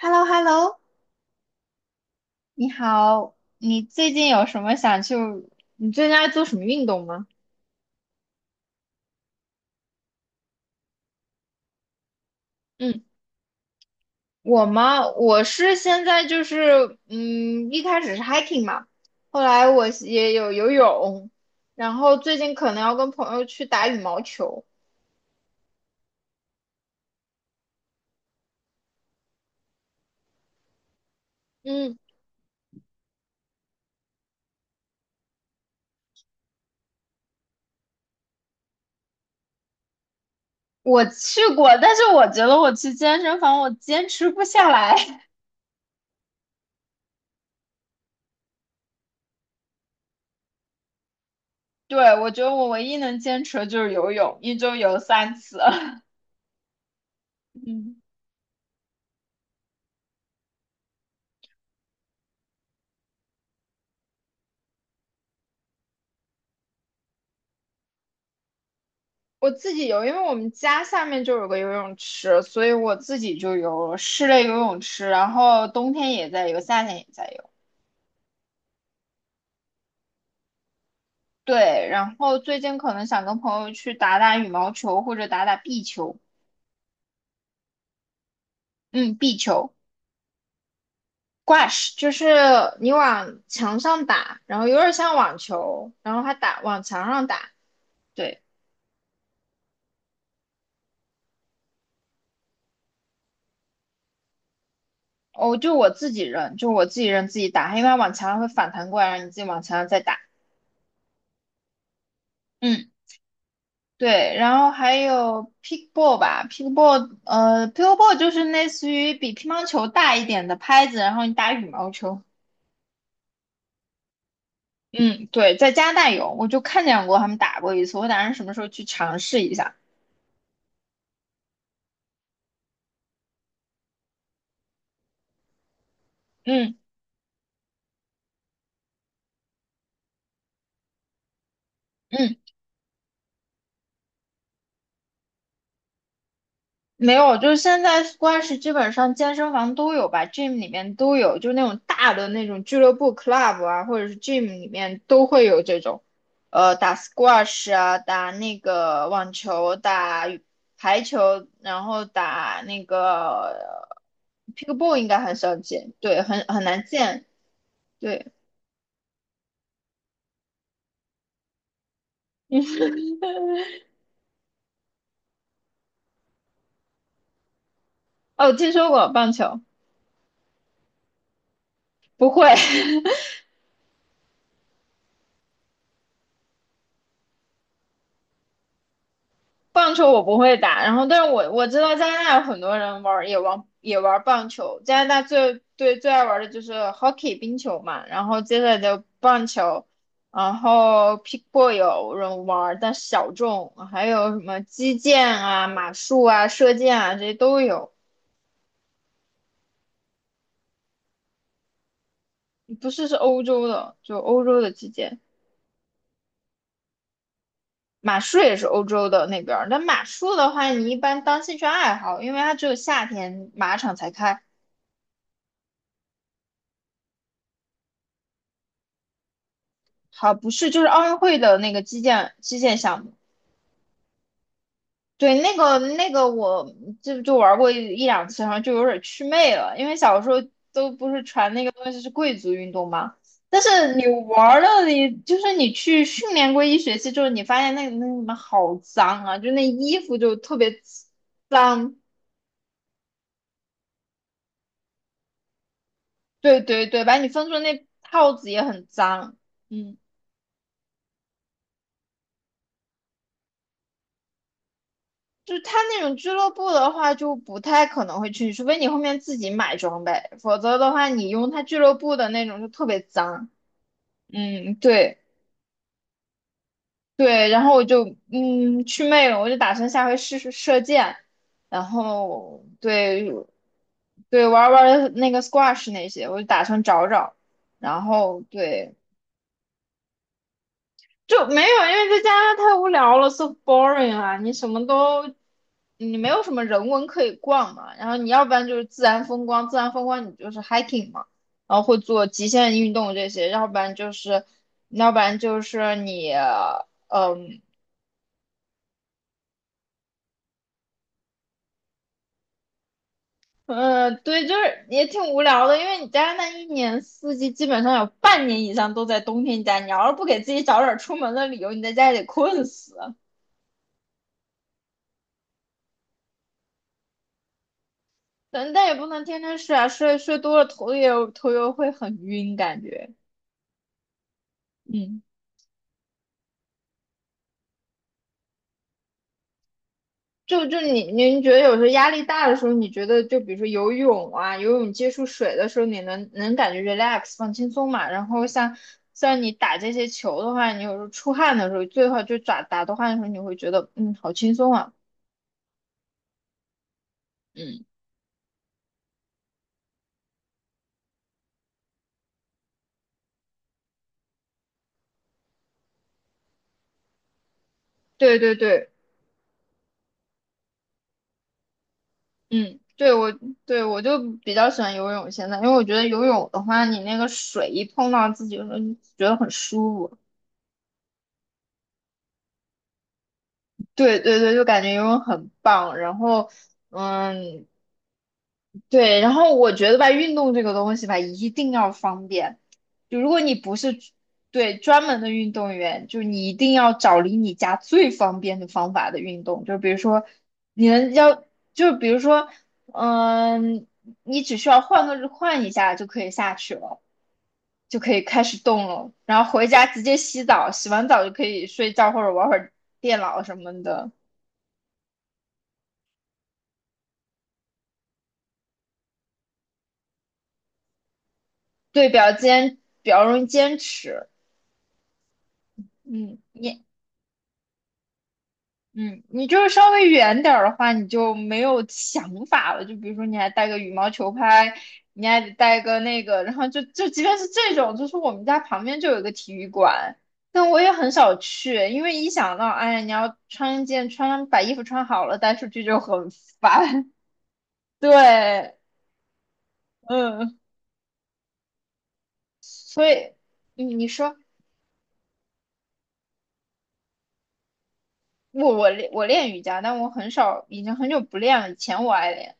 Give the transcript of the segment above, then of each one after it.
h e l l o Hello 你好，你最近有什么想去？你最近爱做什么运动吗？嗯，我吗？我是现在就是，一开始是 hiking 嘛，后来我也有游泳，然后最近可能要跟朋友去打羽毛球。嗯，我去过，但是我觉得我去健身房我坚持不下来。对，我觉得我唯一能坚持的就是游泳，一周游三次。我自己游，因为我们家下面就有个游泳池，所以我自己就游了室内游泳池，然后冬天也在游，夏天也在游。对，然后最近可能想跟朋友去打打羽毛球或者打打壁球，嗯，壁球，squash 就是你往墙上打，然后有点像网球，然后还打往墙上打。对，哦，就我自己扔，就我自己扔自己打，因为它往墙上会反弹过来，让你自己往墙上再打。嗯。对，然后还有 pickleball 吧，pickleball 就是类似于比乒乓球大一点的拍子，然后你打羽毛球。嗯，对，在加拿大有，我就看见过他们打过一次，我打算什么时候去尝试一下。嗯嗯，没有，就是现在 squash 基本上健身房都有吧，gym 里面都有，就那种大的那种俱乐部 club 啊，或者是 gym 里面都会有这种，打 squash 啊，打那个网球，打羽排球，然后打那个pickleball 应该很少见，对，很难见，对，哦，听说过棒球，不会，棒球我不会打，然后但是我知道加拿大有很多人玩棒球，加拿大最爱玩的就是 hockey 冰球嘛，然后接下来就棒球，然后 pickle 有人玩但小众，还有什么击剑啊、马术啊、射箭啊这些都有，不是，是欧洲的，就欧洲的击剑，马术也是欧洲的那边儿，但马术的话你一般当兴趣爱好，因为它只有夏天马场才开。好，不是，就是奥运会的那个击剑项目。对，那个我就玩过一两次，然后就有点祛魅了，因为小时候都不是传那个东西是贵族运动嘛。但是你玩了，你就是你去训练过一学期之后，你发现那什么好脏啊，就那衣服就特别脏。对对对，把你分出那套子也很脏。嗯。就他那种俱乐部的话，就不太可能会去，除非你后面自己买装备，否则的话，你用他俱乐部的那种就特别脏。嗯，对对，然后我就去魅了，我就打算下回试试射箭，然后对对玩儿玩儿那个 squash 那些，我就打算找找，然后对就没有，因为在加拿大太无聊了，so boring 啊！你什么都，你没有什么人文可以逛嘛。然后你要不然就是自然风光，自然风光你就是 hiking 嘛，然后会做极限运动这些，要不然就是，要不然就是你，嗯嗯，对，就是也挺无聊的，因为你加拿大一年四季基本上有半年以上都在冬天家，你要是不给自己找点儿出门的理由，你在家里得困死。但也不能天天睡啊，睡多了头也会很晕，感觉。嗯，就您觉得有时候压力大的时候，你觉得就比如说游泳啊，游泳接触水的时候，你能感觉 relax 放轻松嘛？然后像你打这些球的话，你有时候出汗的时候，最好就打打的汗的时候，你会觉得嗯好轻松啊。嗯，对对对，嗯，对我就比较喜欢游泳现在，因为我觉得游泳的话，你那个水一碰到自己的时候，你觉得很舒服。对对对，就感觉游泳很棒。然后，嗯，对，然后我觉得吧，运动这个东西吧，一定要方便。就如果你不是对专门的运动员，就你一定要找离你家最方便的方法的运动。就比如说，你能要，就比如说，嗯，你只需要换一下就可以下去了，就可以开始动了。然后回家直接洗澡，洗完澡就可以睡觉或者玩会儿电脑什么的。对，比较容易坚持。嗯，你就是稍微远点儿的话，你就没有想法了。就比如说，你还带个羽毛球拍，你还得带个那个，然后就即便是这种，就是我们家旁边就有一个体育馆，但我也很少去，因为一想到，哎，你要穿一件穿把衣服穿好了带出去就很烦。对，嗯，所以你说我练瑜伽，但我很少，已经很久不练了。以前我爱练。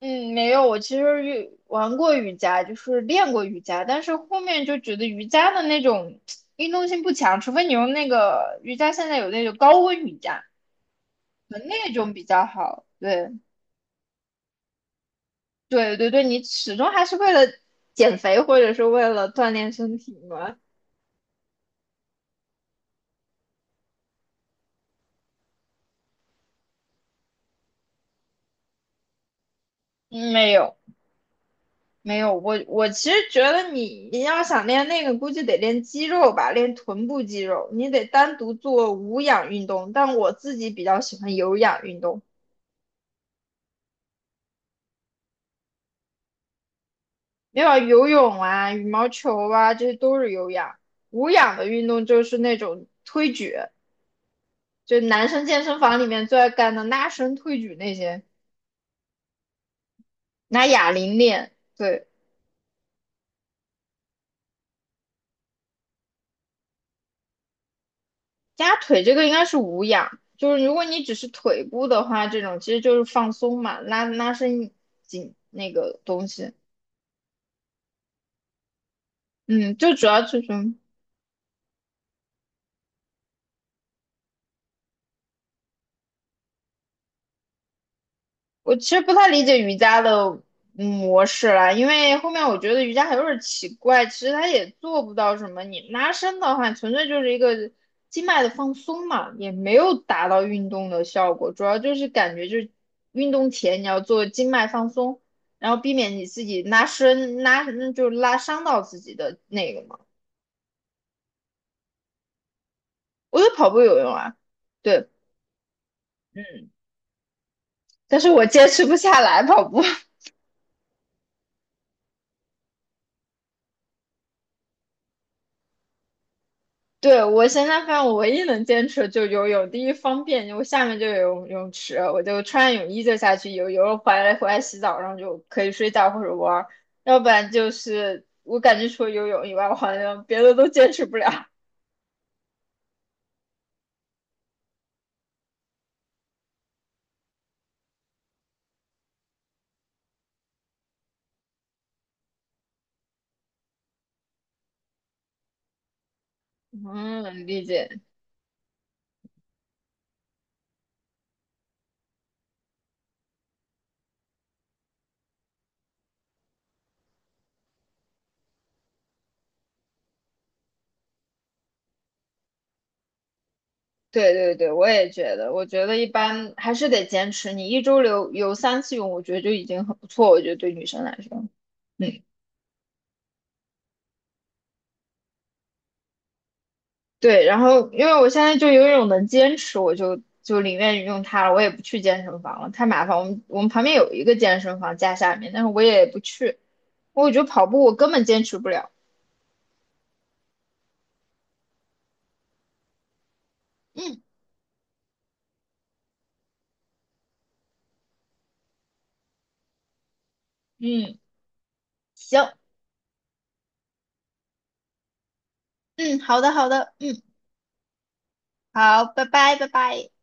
嗯，没有，我其实玩过瑜伽，就是练过瑜伽，但是后面就觉得瑜伽的那种运动性不强，除非你用那个瑜伽，现在有那种高温瑜伽，可能那种比较好。对，对对对，你始终还是为了减肥或者是为了锻炼身体嘛。嗯，没有没有，我其实觉得你要想练那个，估计得练肌肉吧，练臀部肌肉，你得单独做无氧运动，但我自己比较喜欢有氧运动。没有游泳啊、羽毛球啊，这些都是有氧。无氧的运动就是那种推举，就男生健身房里面最爱干的拉伸、推举那些，拿哑铃练。对，加腿这个应该是无氧，就是如果你只是腿部的话，这种其实就是放松嘛，拉伸紧那个东西。嗯，就主要这种。我其实不太理解瑜伽的模式啦，因为后面我觉得瑜伽还有点奇怪，其实它也做不到什么。你拉伸的话，纯粹就是一个经脉的放松嘛，也没有达到运动的效果。主要就是感觉就是运动前你要做经脉放松，然后避免你自己拉伸就是拉伤到自己的那个嘛。我觉得跑步有用啊，对，嗯，但是我坚持不下来跑步。对，我现在发现我唯一能坚持的就是游泳，第一方便，我下面就有泳池，我就穿上泳衣就下去游，游了回来洗澡，然后就可以睡觉或者玩儿，要不然就是我感觉除了游泳以外，我好像别的都坚持不了。嗯，理解。对对对，我也觉得，我觉得一般还是得坚持，你一周游三次泳，我觉得就已经很不错，我觉得对女生来说，嗯。对，然后因为我现在就有一种能坚持，我就宁愿用它了，我也不去健身房了，太麻烦。我们旁边有一个健身房家下面，但是我也不去，我觉得跑步我根本坚持不了。嗯嗯，行，嗯，好的好的，嗯，好，拜拜拜拜。